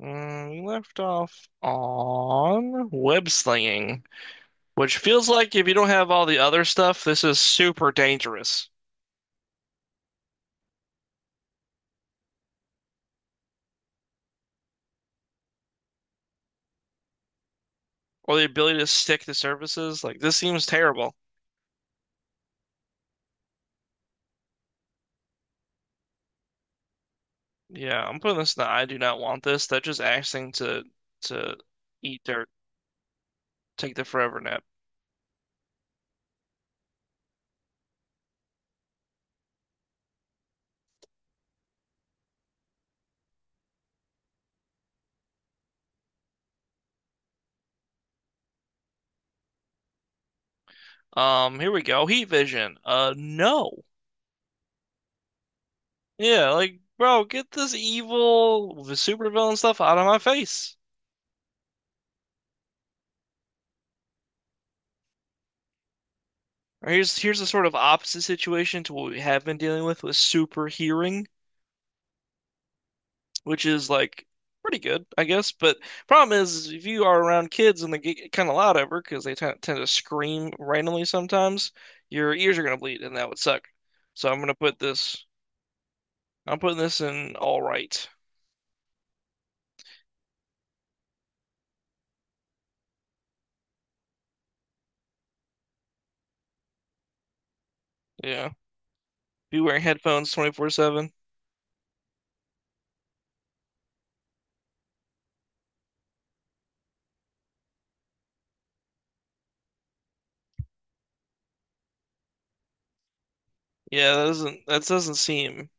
Mm, we left off on web slinging, which feels like if you don't have all the other stuff, this is super dangerous. Or the ability to stick to surfaces, like this seems terrible. Yeah, I'm putting this in the I do not want this. That just asking to eat dirt. Take the forever nap. Here we go. Heat vision. No. Yeah, like bro, get this evil supervillain stuff out of my face. Or here's a sort of opposite situation to what we have been dealing with super hearing, which is like pretty good, I guess. But problem is if you are around kids and they get kind of loud ever because they tend to scream randomly sometimes, your ears are gonna bleed, and that would suck. So I'm gonna put this. I'm putting this in all right. Yeah, be wearing headphones 24/7. Yeah, that doesn't seem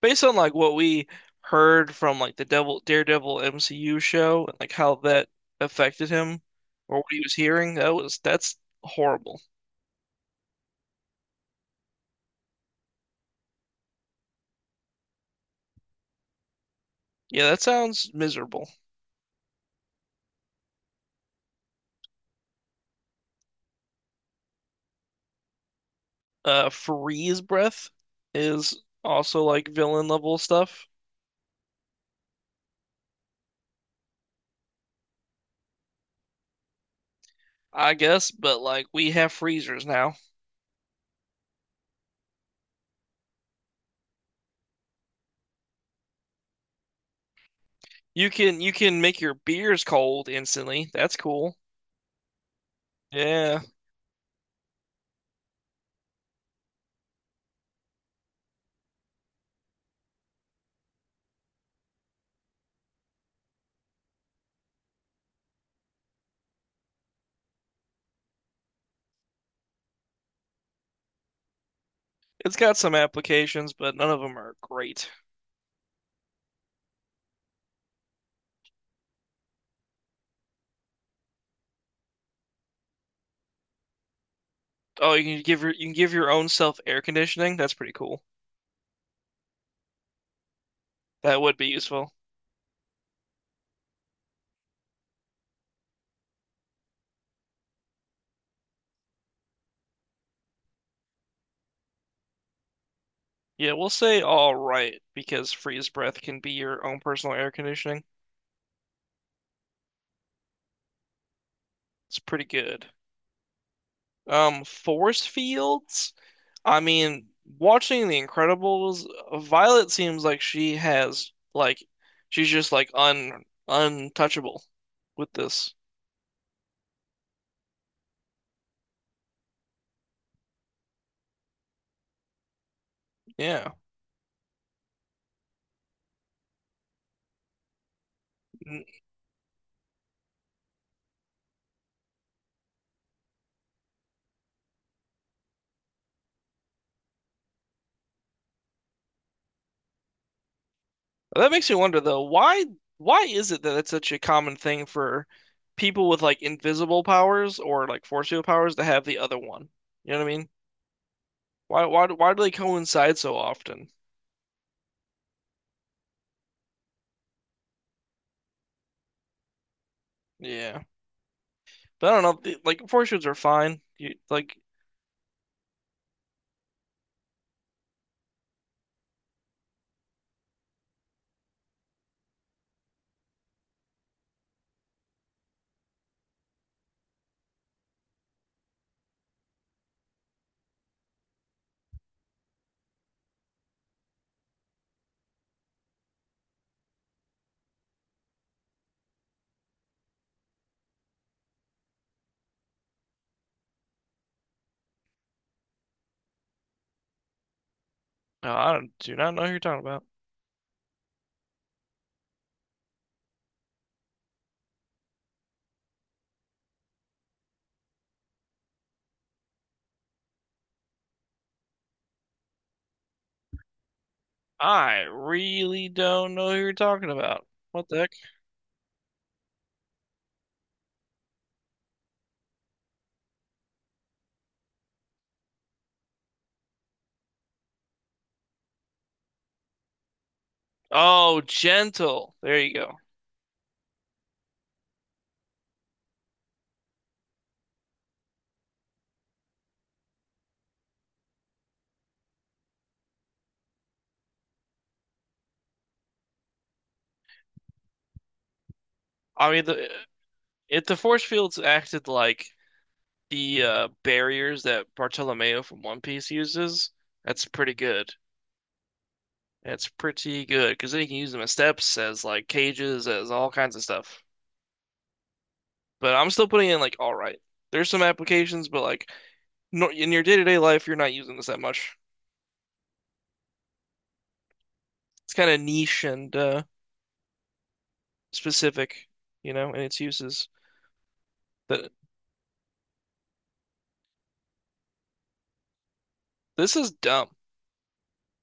based on like what we heard from like the Devil Daredevil MCU show and like how that affected him or what he was hearing, that's horrible. Yeah, that sounds miserable. Freeze breath is also like villain level stuff, I guess, but like we have freezers now. You can make your beers cold instantly. That's cool. Yeah, it's got some applications, but none of them are great. Oh, you can give your own self air conditioning. That's pretty cool. That would be useful. Yeah, we'll say all right because freeze breath can be your own personal air conditioning. It's pretty good. Force fields? I mean, watching The Incredibles, Violet seems like she has like she's just like un untouchable with this. Yeah. N- That makes me wonder though, why is it that it's such a common thing for people with like invisible powers or like force field powers to have the other one? You know what I mean? Why do they coincide so often? Yeah, but I don't know. Like fortunes are fine. You like no, I don't, do not know who you're talking about. I really don't know who you're talking about. What the heck? Oh, gentle. There you go. I mean, the if the force fields acted like the barriers that Bartolomeo from One Piece uses, that's pretty good. That's pretty good because then you can use them as steps, as like cages, as all kinds of stuff. But I'm still putting in like all right. There's some applications, but like no, in your day-to-day life, you're not using this that much. It's kind of niche and specific, you know, in its uses. That This is dumb.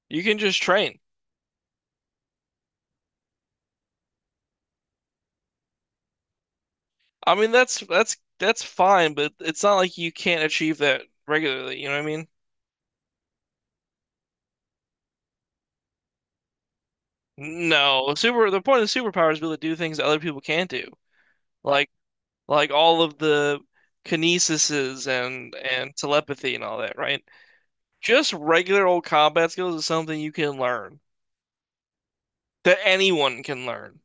You can just train. I mean, that's fine, but it's not like you can't achieve that regularly. You know what I mean? No, super. The point of superpower is to be able to do things that other people can't do, like like all of the kinesises and telepathy and all that, right? Just regular old combat skills is something you can learn that anyone can learn.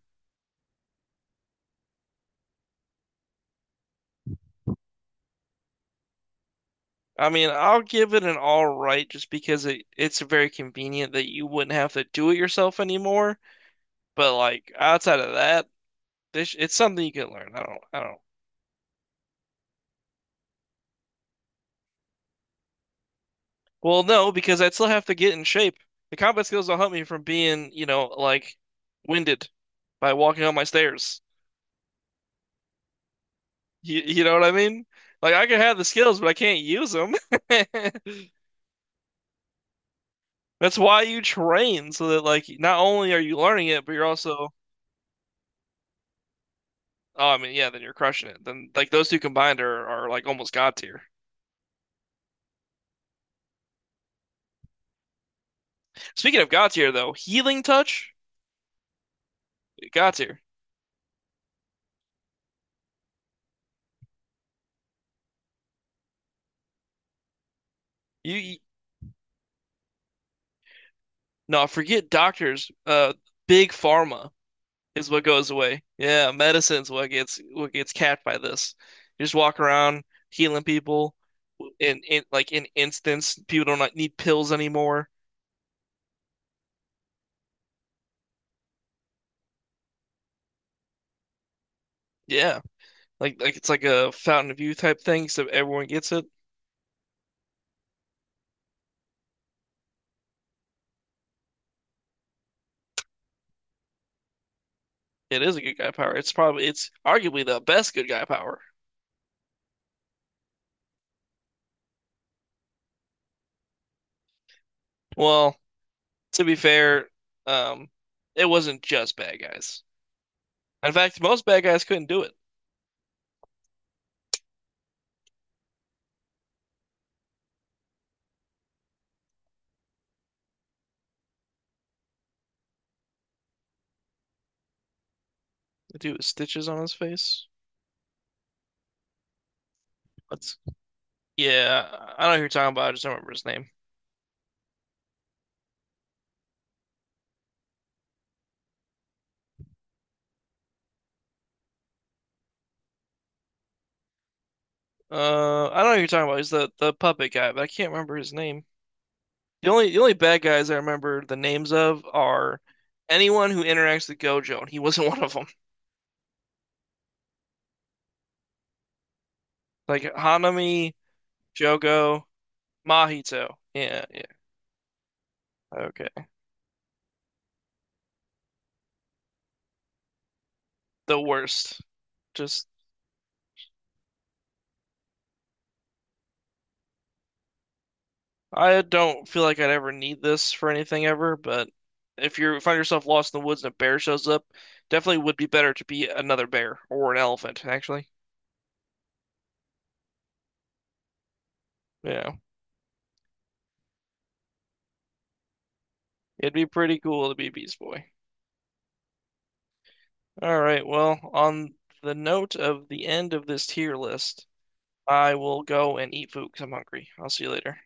I mean, I'll give it an all right just because it it's very convenient that you wouldn't have to do it yourself anymore. But like outside of that, this it's something you can learn. I don't. Well, no, because I'd still have to get in shape. The combat skills don't help me from being, you know, like winded by walking on my stairs. You know what I mean? Like I can have the skills, but I can't use them. That's why you train so that like not only are you learning it, but you're also oh, I mean, yeah, then you're crushing it. Then like those two combined are like almost god tier. Speaking of god tier though, healing touch, god tier. You no, forget doctors. Big pharma is what goes away. Yeah, medicine's what gets capped by this. You just walk around healing people in like in instance, people don't like, need pills anymore. Yeah. Like it's like a Fountain of Youth type thing, so everyone gets it. It is a good guy power. It's probably it's arguably the best good guy power. Well, to be fair, um, it wasn't just bad guys. In fact, most bad guys couldn't do it. The dude with stitches on his face. What's yeah, I know who you're talking about. I just don't remember his name. I don't know who you're talking about. He's the puppet guy, but I can't remember his name. The only bad guys I remember the names of are anyone who interacts with Gojo, and he wasn't one of them. Like Hanami, Jogo, Mahito. Yeah, yeah. Okay. The worst. Just I don't feel like I'd ever need this for anything ever, but if you find yourself lost in the woods and a bear shows up, definitely would be better to be another bear or an elephant, actually. Yeah, it'd be pretty cool to be Beast Boy. All right, well, on the note of the end of this tier list, I will go and eat food because 'cause I'm hungry. I'll see you later.